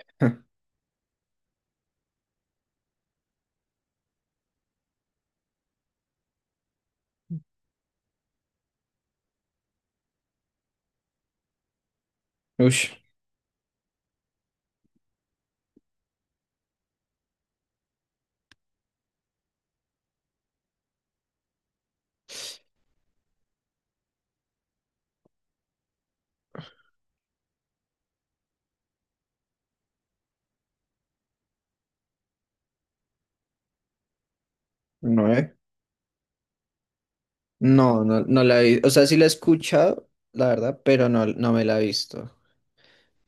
Ush, no, eh. No, la he visto. O sea, sí la he escuchado, la verdad, pero no, me la he visto.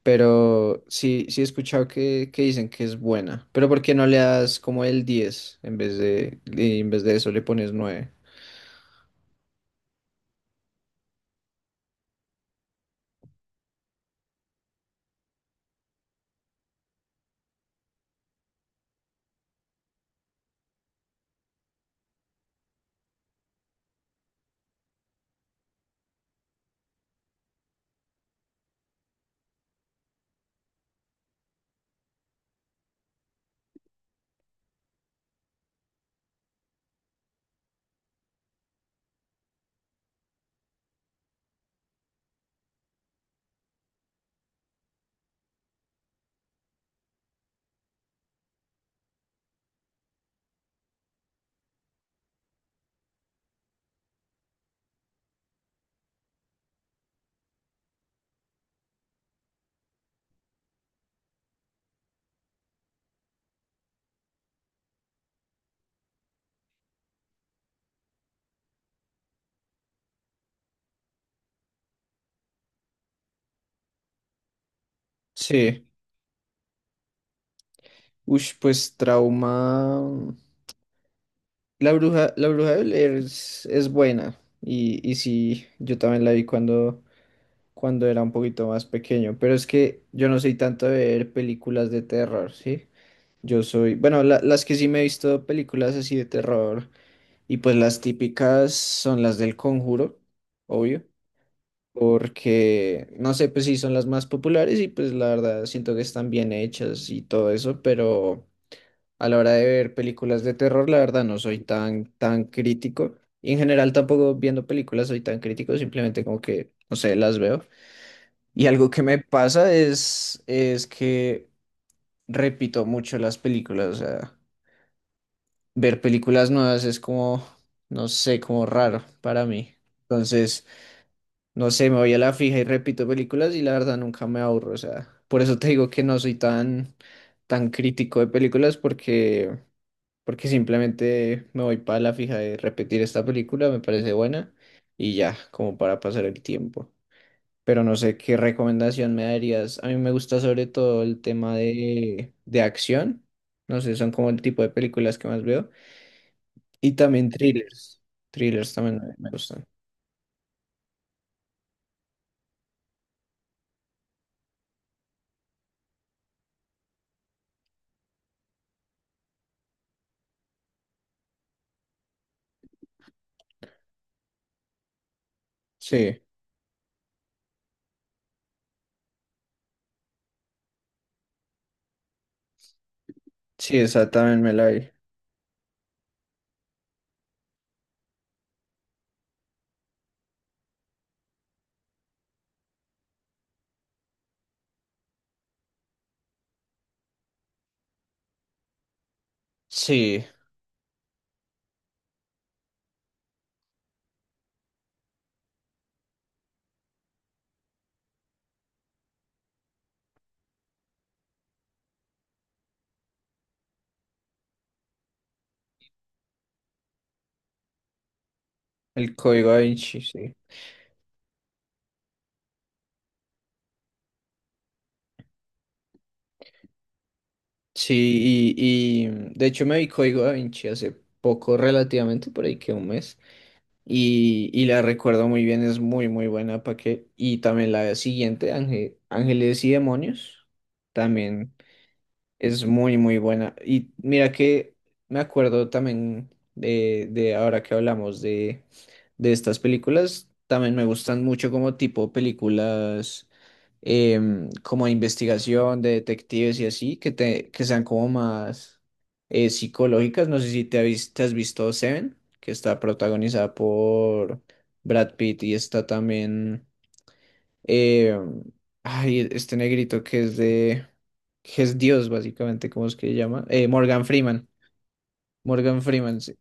Pero sí, he escuchado que dicen que es buena. Pero ¿por qué no le das como el 10 en vez de, y en vez de eso le pones 9? Sí. Ush, pues trauma. La bruja de Blair es buena. Y sí, yo también la vi cuando era un poquito más pequeño. Pero es que yo no soy tanto de ver películas de terror, ¿sí? Yo soy, bueno, las que sí me he visto películas así de terror y pues las típicas son las del Conjuro, obvio, porque no sé, pues sí son las más populares y pues la verdad siento que están bien hechas y todo eso, pero a la hora de ver películas de terror, la verdad no soy tan crítico y en general tampoco viendo películas soy tan crítico, simplemente como que, no sé, las veo. Y algo que me pasa es que repito mucho las películas, o sea... ver películas nuevas es como, no sé, como raro para mí. Entonces, no sé, me voy a la fija y repito películas y la verdad nunca me aburro. O sea, por eso te digo que no soy tan crítico de películas porque simplemente me voy para la fija de repetir esta película, me parece buena y ya, como para pasar el tiempo. Pero no sé qué recomendación me darías. A mí me gusta sobre todo el tema de acción. No sé, son como el tipo de películas que más veo. Y también thrillers. Thrillers también me gustan. Sí, sí, esa también me la vi. Sí, el Código Da Vinci, sí. Sí, y de hecho me vi Código Da Vinci hace poco, relativamente, por ahí que un mes. Y la recuerdo muy bien, es muy, muy buena. ¿Para qué? Y también la siguiente, Ángeles y Demonios. También. Es muy, muy buena. Y mira que me acuerdo también de ahora que hablamos de estas películas, también me gustan mucho como tipo películas como de investigación, de detectives y así, que, te, que sean como más psicológicas. No sé si te, te has visto Seven, que está protagonizada por Brad Pitt y está también... Eh, ay, este negrito que es de... que es Dios, básicamente, ¿cómo es que se llama? Morgan Freeman. Morgan Freeman, sí.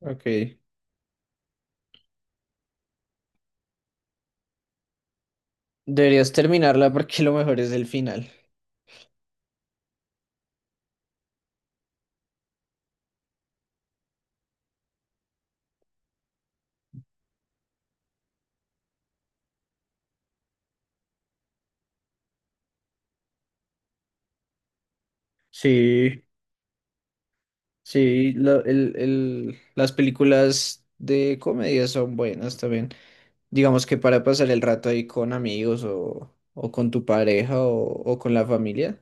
Ok. Deberías terminarla porque lo mejor es el final. Sí, sí, las películas de comedia son buenas también. Digamos que para pasar el rato ahí con amigos o con tu pareja o con la familia,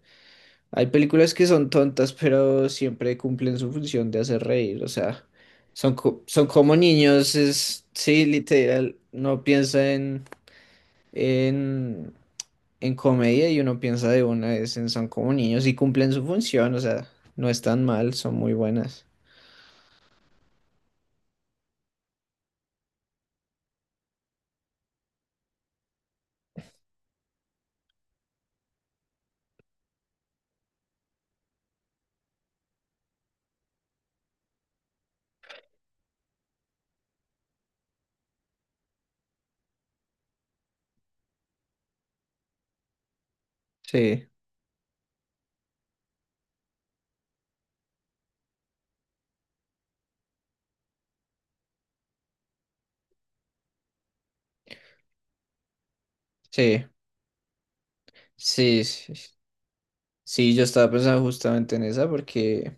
hay películas que son tontas, pero siempre cumplen su función de hacer reír. O sea, son, son como niños, es, sí, literal. No piensa en, en comedia y uno piensa de una vez en son como niños y cumplen su función. O sea, no están mal, son muy buenas. Sí, sí, sí, sí. Sí, yo estaba pensando justamente en esa porque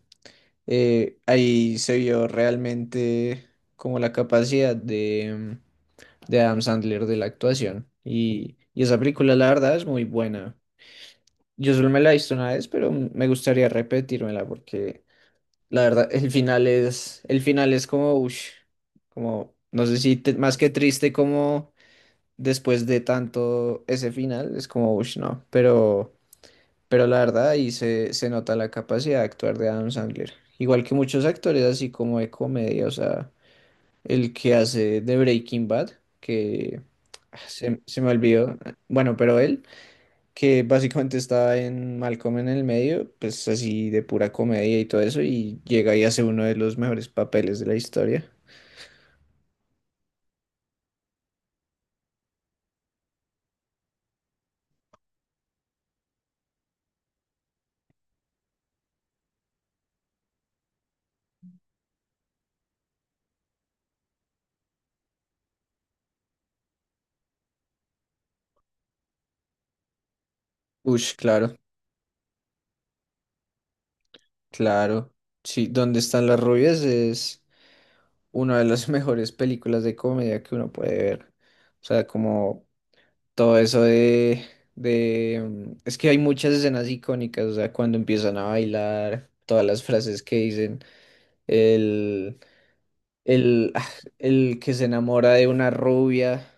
ahí se vio realmente como la capacidad de Adam Sandler de la actuación. Y esa película, la verdad, es muy buena. Yo solo me la he visto una vez, pero me gustaría repetírmela porque la verdad, el final el final es como, ush, como, no sé si más que triste, como después de tanto ese final, es como, ush, no, pero la verdad, ahí se nota la capacidad de actuar de Adam Sandler. Igual que muchos actores, así como de comedia, o sea, el que hace de Breaking Bad, que se me olvidó. Bueno, pero él, que básicamente está en Malcolm en el medio, pues así de pura comedia y todo eso, y llega y hace uno de los mejores papeles de la historia. Ush, claro, claro. Sí, ¿dónde están las rubias? Es una de las mejores películas de comedia que uno puede ver. O sea, como todo eso de... es que hay muchas escenas icónicas, o sea, cuando empiezan a bailar, todas las frases que dicen, el, ah, el que se enamora de una rubia.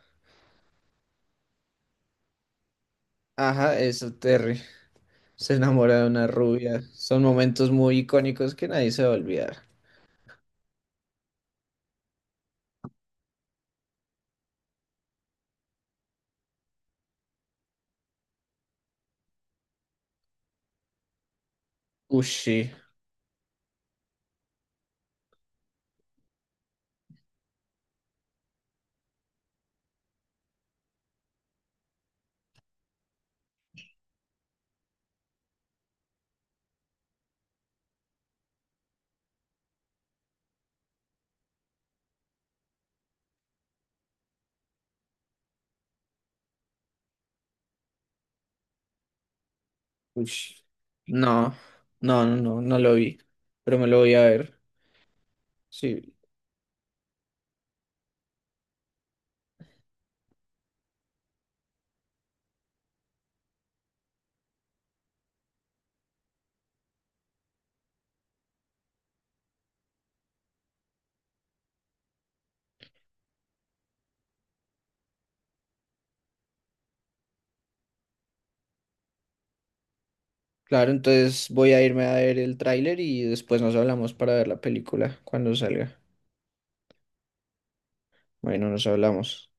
Ajá, eso, Terry. Se enamora de una rubia. Son momentos muy icónicos que nadie se va a olvidar. Ushi, ushi. No, no lo vi. Pero me lo voy a ver. Sí, claro, entonces voy a irme a ver el tráiler y después nos hablamos para ver la película cuando salga. Bueno, nos hablamos.